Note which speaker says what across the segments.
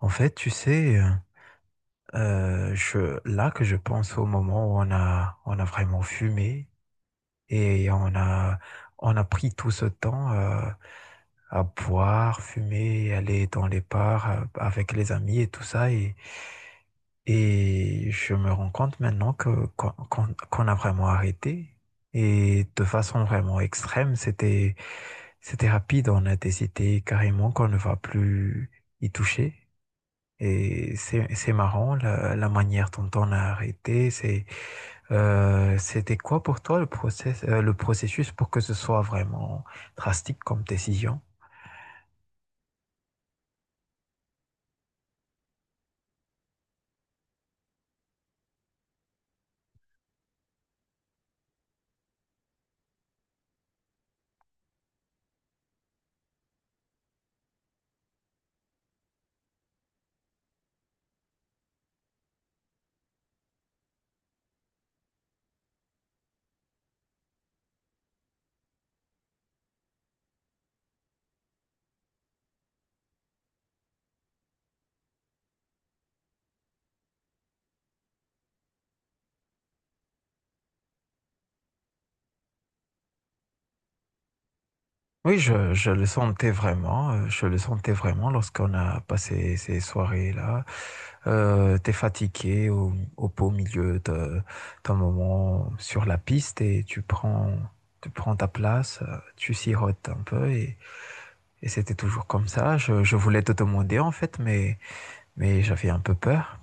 Speaker 1: En fait, tu sais, je là que je pense au moment où on a vraiment fumé et on a pris tout ce temps, à boire, fumer, aller dans les bars, avec les amis et tout ça et je me rends compte maintenant que qu'on qu'on qu'on a vraiment arrêté et de façon vraiment extrême. C'était rapide en intensité, carrément qu'on ne va plus y toucher. Et c'est marrant la manière dont on a arrêté. C'était quoi pour toi le process, le processus pour que ce soit vraiment drastique comme décision? Oui, je le sentais vraiment. Je le sentais vraiment lorsqu'on a passé ces soirées-là. T'es fatigué au beau milieu de, d'un moment sur la piste et tu prends ta place, tu sirotes un peu et c'était toujours comme ça. Je voulais te demander en fait, mais j'avais un peu peur.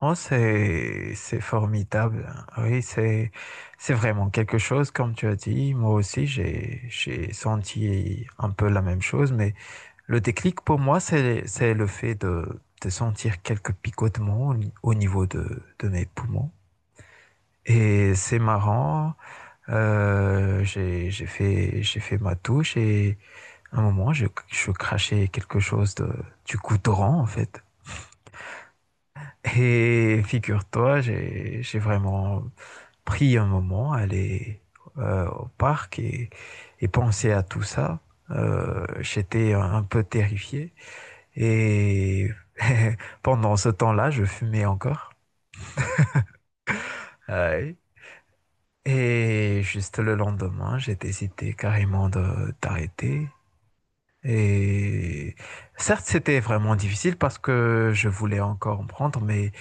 Speaker 1: Oh, c'est formidable. Oui, c'est vraiment quelque chose, comme tu as dit. Moi aussi, j'ai senti un peu la même chose, mais le déclic pour moi, c'est le fait de sentir quelques picotements au, ni- au niveau de mes poumons. Et c'est marrant, j'ai fait ma touche et à un moment, je crachais quelque chose de, du goudron, en fait. Et figure-toi, j'ai vraiment pris un moment, aller au parc et penser à tout ça. J'étais un peu terrifié. Et pendant ce temps-là, je fumais encore. Euh, et juste le lendemain, j'ai hésité carrément d'arrêter. Et certes, c'était vraiment difficile parce que je voulais encore en prendre, mais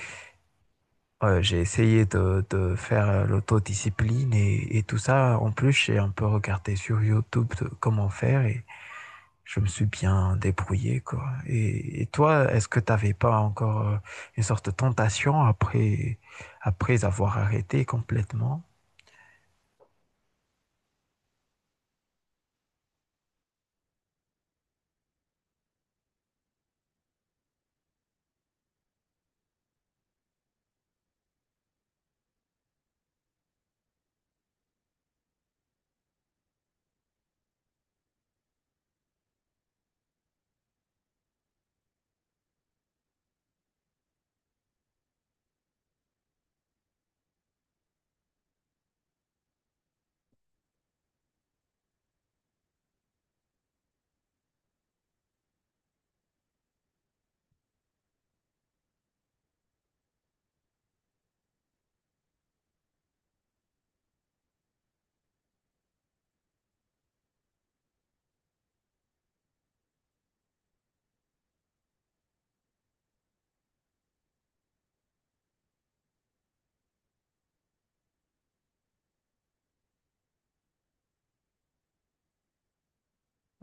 Speaker 1: ouais, j'ai essayé de faire l'autodiscipline et tout ça. En plus, j'ai un peu regardé sur YouTube de comment faire et je me suis bien débrouillé, quoi. Et toi, est-ce que t'avais pas encore une sorte de tentation après, après avoir arrêté complètement?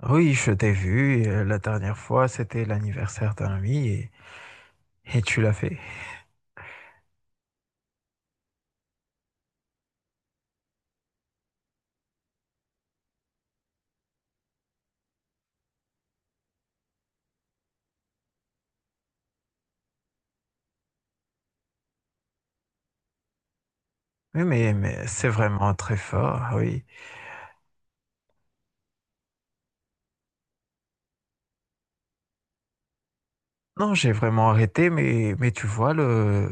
Speaker 1: Oui, je t'ai vu la dernière fois, c'était l'anniversaire d'un ami et tu l'as fait. Oui, mais c'est vraiment très fort, oui. Non, j'ai vraiment arrêté, mais tu vois,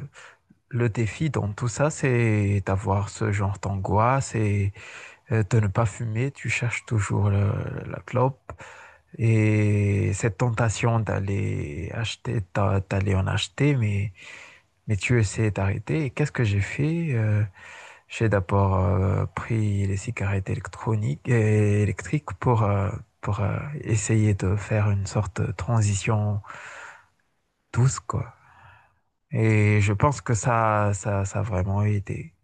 Speaker 1: le défi dans tout ça, c'est d'avoir ce genre d'angoisse et de ne pas fumer. Tu cherches toujours la clope et cette tentation d'aller acheter, d'aller en acheter, mais tu essaies d'arrêter. Et qu'est-ce que j'ai fait? J'ai d'abord pris les cigarettes électroniques et électriques pour, essayer de faire une sorte de transition douce, quoi. Et je pense que ça a vraiment aidé.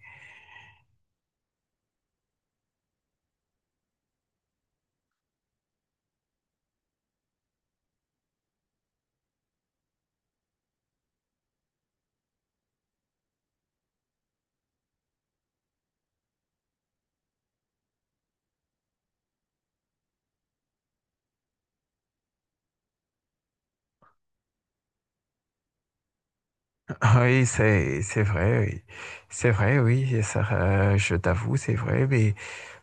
Speaker 1: Oui, c'est vrai, oui. C'est vrai, oui, et ça, je t'avoue, c'est vrai, mais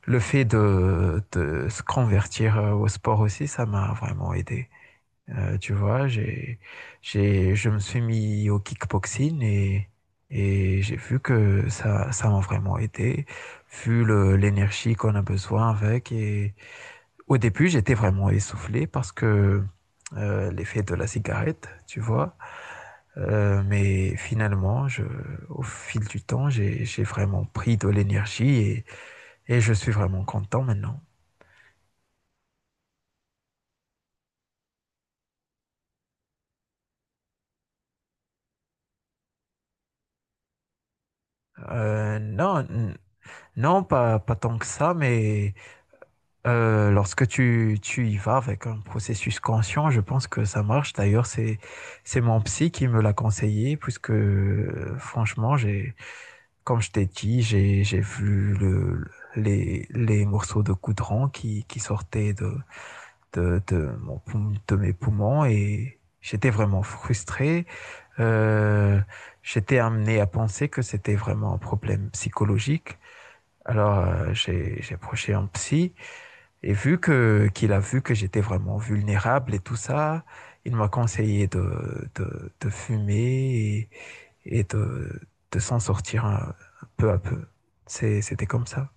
Speaker 1: le fait de se convertir au sport aussi, ça m'a vraiment aidé. Tu vois, je me suis mis au kickboxing et j'ai vu que ça m'a vraiment aidé, vu l'énergie qu'on a besoin avec. Et au début, j'étais vraiment essoufflé parce que l'effet de la cigarette, tu vois. Mais finalement, au fil du temps, j'ai vraiment pris de l'énergie et je suis vraiment content maintenant. Euh, non, n- non, pas tant que ça, mais lorsque tu y vas avec un processus conscient, je pense que ça marche. D'ailleurs, c'est mon psy qui me l'a conseillé, puisque franchement, comme je t'ai dit, j'ai vu les morceaux de goudron qui sortaient de, de, mon, de mes poumons et j'étais vraiment frustré. Euh, J'étais amené à penser que c'était vraiment un problème psychologique. Alors j'ai approché un psy et vu que qu'il a vu que j'étais vraiment vulnérable et tout ça, il m'a conseillé de fumer et de s'en sortir peu à peu. C'était comme ça.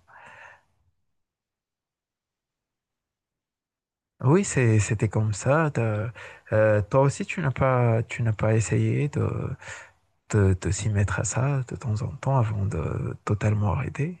Speaker 1: Oui, c'était comme ça. Toi aussi, tu n'as pas essayé de, te s'y mettre à ça de temps en temps avant de totalement arrêter.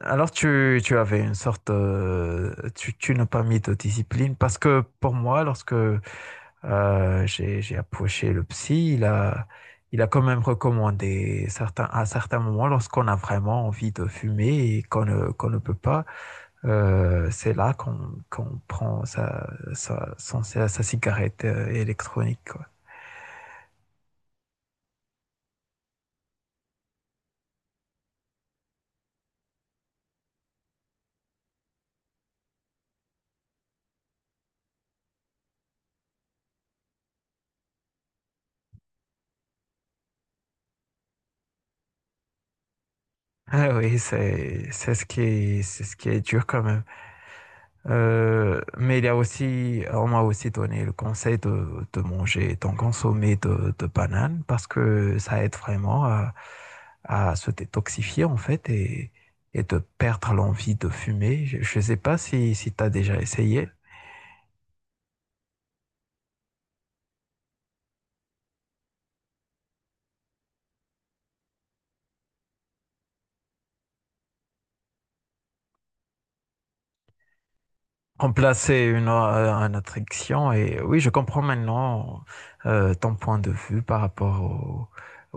Speaker 1: Alors tu avais une sorte, tu n'as pas mis de discipline parce que pour moi, lorsque j'ai approché le psy, il a quand même recommandé certains, à certains moments, lorsqu'on a vraiment envie de fumer et qu'on ne peut pas, c'est là qu'on prend sa cigarette électronique, quoi. Ah oui, c'est ce qui est dur quand même. Mais il y a aussi, on m'a aussi donné le conseil de manger, d'en consommer de bananes parce que ça aide vraiment à se détoxifier en fait et de perdre l'envie de fumer. Je ne sais pas si tu as déjà essayé. Remplacer une attraction et oui, je comprends maintenant ton point de vue par rapport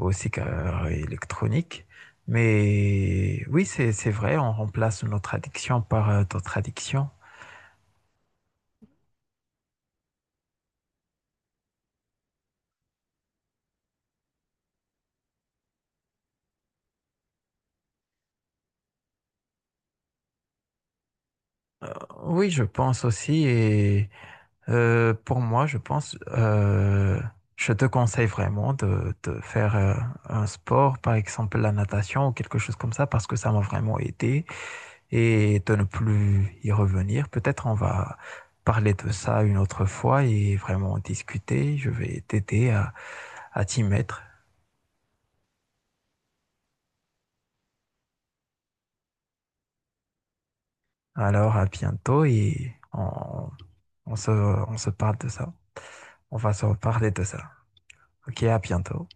Speaker 1: aux cigares électroniques. Mais oui, c'est vrai, on remplace notre addiction par d'autres addictions. Euh, oui, je pense aussi. Pour moi, je te conseille vraiment de faire un sport, par exemple la natation ou quelque chose comme ça, parce que ça m'a vraiment aidé et de ne plus y revenir. Peut-être on va parler de ça une autre fois et vraiment discuter. Je vais t'aider à t'y mettre. Alors, à bientôt et on, on se parle de ça. On va se reparler de ça. Ok, à bientôt.